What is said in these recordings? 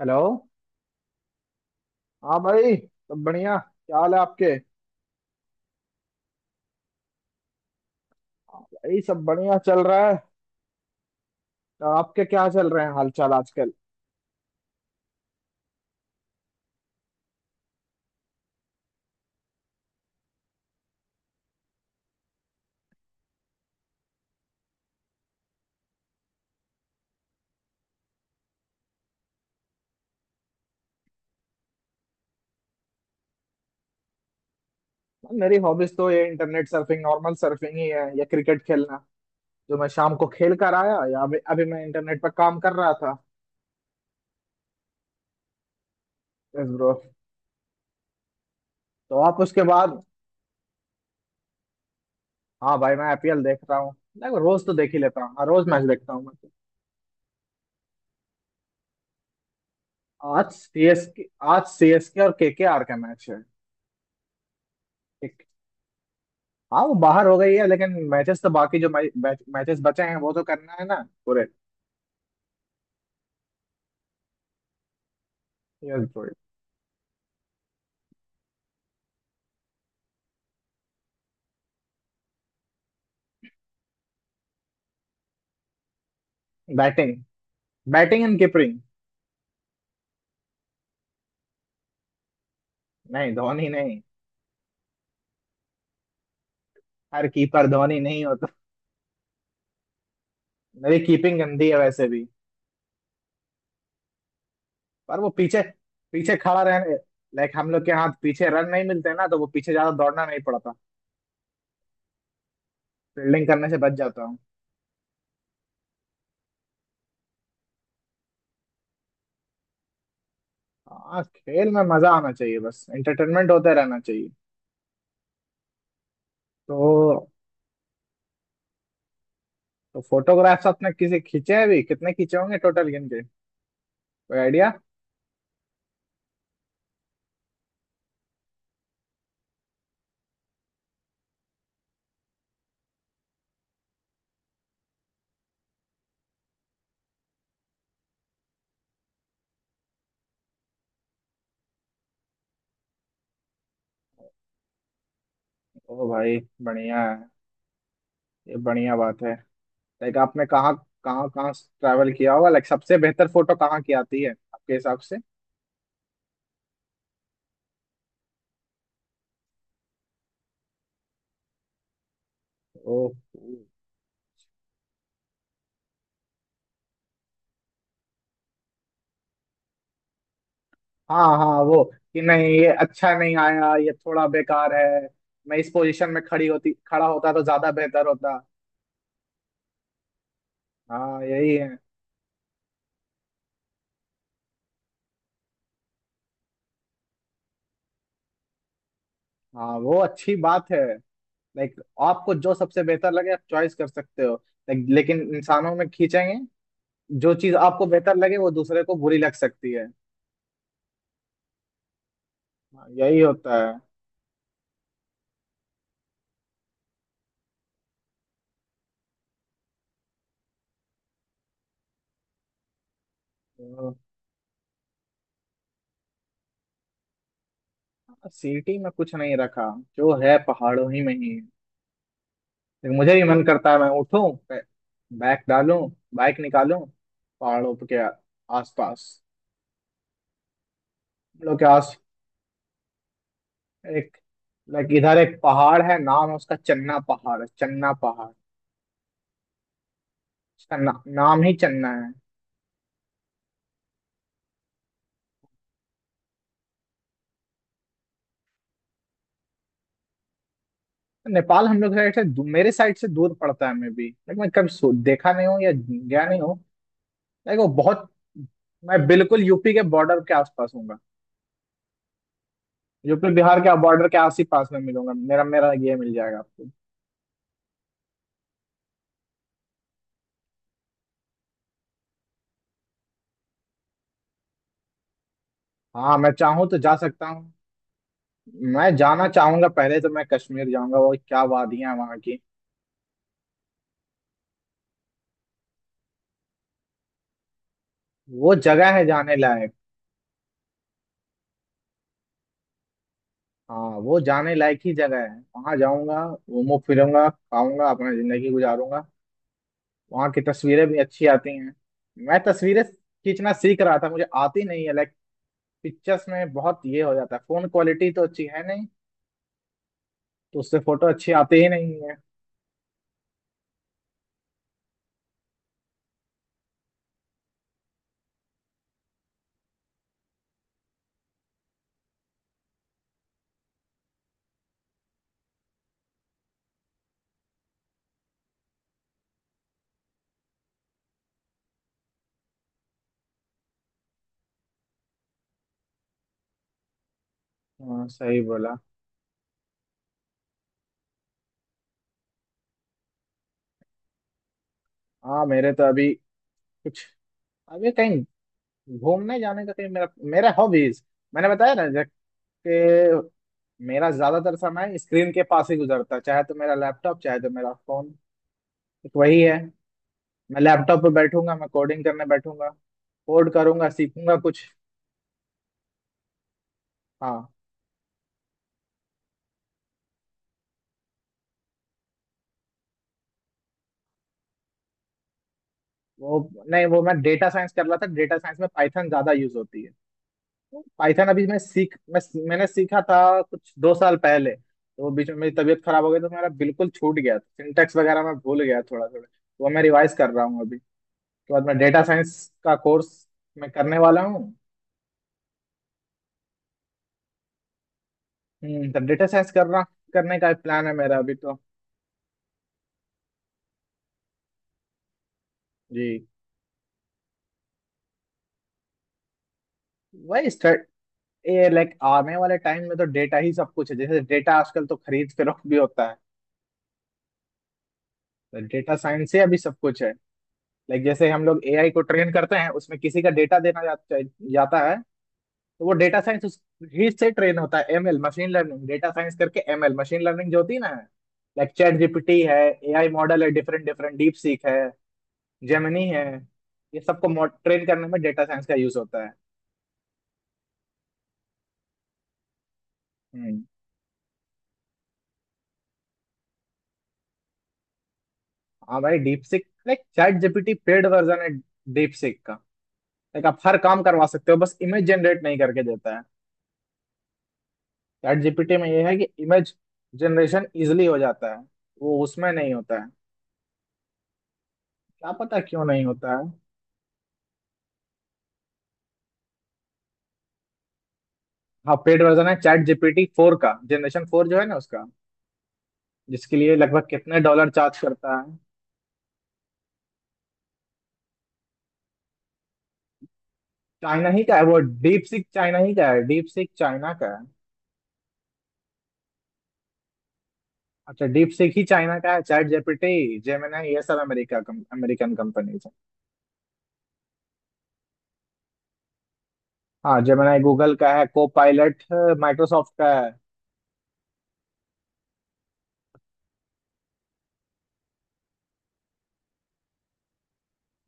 Hello. हाँ भाई, सब बढ़िया। क्या हाल है आपके? हाँ भाई, सब बढ़िया चल रहा है। तो आपके क्या चल रहे हैं हालचाल आजकल? मेरी हॉबीज तो ये इंटरनेट सर्फिंग, नॉर्मल सर्फिंग ही है या क्रिकेट खेलना। जो मैं शाम को खेल कर आया, या अभी अभी मैं इंटरनेट पर काम कर रहा था। Yes bro. तो आप उसके बाद। हाँ भाई, मैं आईपीएल देख रहा हूँ। नहीं, रोज तो देख ही लेता हूँ। हाँ, रोज मैच देखता हूँ मैं। तो आज सीएसके। आज सीएसके और केकेआर का मैच है। हाँ, वो बाहर हो गई है, लेकिन मैचेस तो बाकी जो मैचेस बचे हैं वो तो करना है ना। पूरे। Yes bro. Batting. Batting and keeping. नहीं, धोनी नहीं। हर कीपर धोनी नहीं होता। मेरी कीपिंग गंदी है वैसे भी। पर वो पीछे। पीछे खड़ा रहने। लाइक हम लोग के हाथ पीछे रन नहीं मिलते ना, तो वो पीछे ज्यादा दौड़ना नहीं पड़ता। फील्डिंग करने से बच जाता हूँ। हाँ, खेल में मजा आना चाहिए, बस एंटरटेनमेंट होते रहना चाहिए। तो। तो फोटोग्राफ्स आपने किसी खींचे हैं भी, कितने खींचे होंगे टोटल गिन के? कोई आइडिया? ओ भाई। बढ़िया है। ये बढ़िया बात है। लाइक आपने कहाँ। कहाँ कहाँ ट्रैवल किया होगा, लाइक सबसे बेहतर फोटो कहाँ की आती है आपके हिसाब से? ओ। हाँ हाँ, वो। कि नहीं, ये अच्छा नहीं आया, ये थोड़ा बेकार है। मैं इस पोजीशन में खड़ी होती, खड़ा होता तो ज्यादा बेहतर होता। हाँ, यही है। हाँ, वो अच्छी बात है। लाइक आपको जो सबसे बेहतर लगे, आप चॉइस कर सकते हो। लाइक लेकिन इंसानों में खींचेंगे। जो चीज आपको बेहतर लगे, वो दूसरे को बुरी लग सकती है। हाँ, यही होता है। हाँ। सिटी में कुछ नहीं रखा। जो है पहाड़ों ही में ही है। लेकिन मुझे भी मन करता है मैं उठूं बैग डालूं। बाइक निकालूं। पहाड़ों के। आसपास। हम लोग के आस। एक। लाइक इधर एक पहाड़ है, नाम है उसका चन्ना पहाड़, चन्ना पहाड़। उसका ना, नाम ही चन्ना है। नेपाल हम लोग साइड से मेरे साइड से दूर पड़ता है, मैं भी लेकिन मैं कभी देखा नहीं हूँ या गया नहीं हूँ। लेकिन वो बहुत। मैं बिल्कुल यूपी के बॉर्डर के आसपास हूँ। यूपी बिहार के बॉर्डर के आस ही पास में मिलूंगा। मेरा मेरा ये मिल जाएगा आपको। हाँ, मैं चाहूँ तो जा सकता हूँ। मैं जाना चाहूंगा, पहले तो मैं कश्मीर जाऊंगा। वो क्या वादियां हैं वहाँ की! वो जगह है जाने लायक। हाँ, वो जाने लायक ही जगह है, वहां जाऊंगा। घूमू फिरूंगा, खाऊंगा, अपना जिंदगी गुजारूंगा। वहाँ की तस्वीरें भी अच्छी आती हैं। मैं तस्वीरें खींचना सीख रहा था, मुझे आती नहीं है लाइक। पिक्चर्स में बहुत ये हो जाता है, फोन क्वालिटी तो अच्छी है नहीं। तो उससे फोटो अच्छी आती ही नहीं है। हाँ, सही बोला। हाँ, मेरे तो अभी। कुछ। अभी कहीं। घूमने जाने का कहीं मेरा। मेरा हॉबीज। मैंने बताया ना जब। कि। मेरा ज्यादातर समय स्क्रीन के पास ही गुजरता है, चाहे तो मेरा लैपटॉप, चाहे तो मेरा फोन। एक वही है। मैं लैपटॉप पे बैठूंगा, मैं कोडिंग करने बैठूंगा। कोड करूंगा, सीखूंगा कुछ। हाँ। वो। नहीं, वो मैं डेटा साइंस कर रहा था, डेटा साइंस में पाइथन ज्यादा यूज होती है। पाइथन अभी मैं सीख मैं। मैंने सीखा था कुछ 2 साल पहले, तो बीच में मेरी तबीयत खराब हो गई, तो मेरा बिल्कुल छूट गया था, सिंटेक्स वगैरह मैं भूल गया थोड़ा थोड़ा। वो मैं रिवाइज कर रहा हूँ अभी। उसके बाद मैं डेटा साइंस। का कोर्स। मैं करने वाला हूँ। तो डेटा साइंस करना। करने का प्लान है मेरा अभी तो। जी। वही स्टार्ट। ये लाइक आने वाले टाइम में तो डेटा ही सब कुछ है, जैसे डेटा आजकल तो खरीद फरोख्त भी होता है। तो डेटा साइंस से अभी सब कुछ है। लाइक जैसे हम लोग एआई को ट्रेन करते हैं, उसमें किसी का डेटा देना जाता है। तो वो डेटा साइंस। ही से ट्रेन होता है, ML machine learning, data science करके एमएल मशीन लर्निंग जो होती है ना। लाइक चैट जीपीटी है। एआई मॉडल है डिफरेंट डिफरेंट, डीप सीख है। जेमिनी है। ये सबको ट्रेन करने में डेटा साइंस का यूज होता है। हम्म। हाँ भाई, DeepSeek like ChatGPT paid version है। डीप सीख का। लाइक आप हर काम करवा सकते हो, बस इमेज जनरेट नहीं करके देता है। चैट जीपीटी में ये है कि इमेज। जनरेशन इजिली हो जाता है। वो उसमें नहीं होता है। क्या पता क्यों नहीं होता है। हाँ, पेड वर्जन है चैट जीपीटी 4 का, जनरेशन 4 जो है ना उसका। जिसके लिए लगभग कितने डॉलर चार्ज करता है। चाइना ही का है वो। डीप सीक चाइना ही का है, डीप सीक चाइना का है। अच्छा, डीप सीक ही चाइना का है, चैट जीपीटी जेमिनाई ये सब अमेरिकन कंपनीज है। हाँ, जेमिनाई गूगल का है। Copilot. माइक्रोसॉफ्ट का है।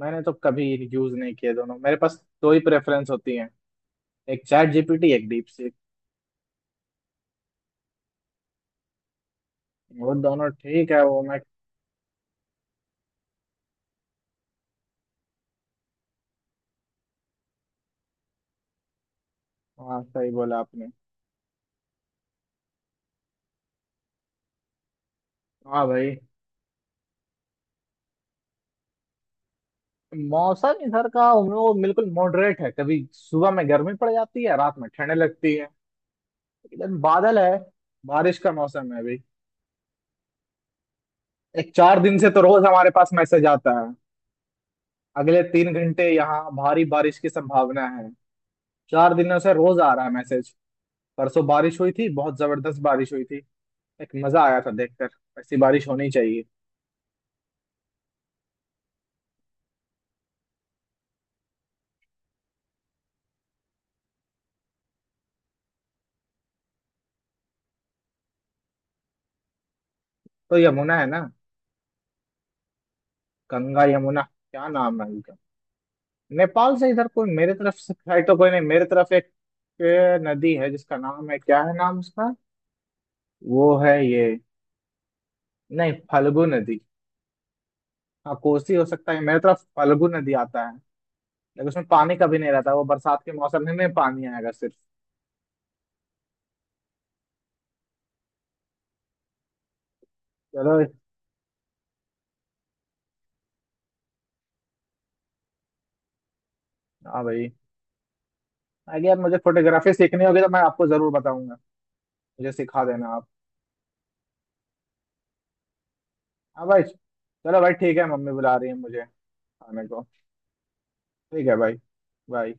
मैंने तो कभी। यूज नहीं किया दोनों, मेरे पास दो ही प्रेफरेंस होती है। एक चैट जीपीटी, एक डीप सीक। वो दोनों ठीक है वो मैं। हाँ, सही बोला आपने। हाँ भाई। मौसम इधर का उन लोगों को बिल्कुल मॉडरेट है, कभी सुबह में गर्मी पड़ जाती है, रात में ठंड लगती है। इधर बादल है। बारिश का मौसम है अभी। एक चार दिन से तो रोज हमारे पास मैसेज आता है। अगले 3 घंटे यहाँ भारी बारिश की संभावना है। 4 दिनों से रोज आ रहा है मैसेज। परसों बारिश हुई थी, बहुत जबरदस्त बारिश हुई थी। एक मजा आया था देखकर। ऐसी बारिश होनी चाहिए। तो यमुना है ना। गंगा यमुना। क्या नाम है? नेपाल से इधर कोई मेरे तरफ से है तो कोई नहीं मेरे तरफ एक। एक नदी है जिसका नाम है, क्या है नाम उसका। वो है ये। नहीं, फल्गु नदी। हाँ, कोसी हो सकता है, मेरे तरफ फल्गु नदी आता है। लेकिन उसमें पानी कभी नहीं रहता, वो बरसात के मौसम में पानी आएगा सिर्फ। चलो। हाँ भाई। आगे यार मुझे फोटोग्राफी सीखनी होगी तो मैं आपको जरूर बताऊंगा। मुझे सिखा देना आप। हाँ भाई। चलो भाई, ठीक है, मम्मी बुला रही है मुझे। खाने को। ठीक है भाई। बाय।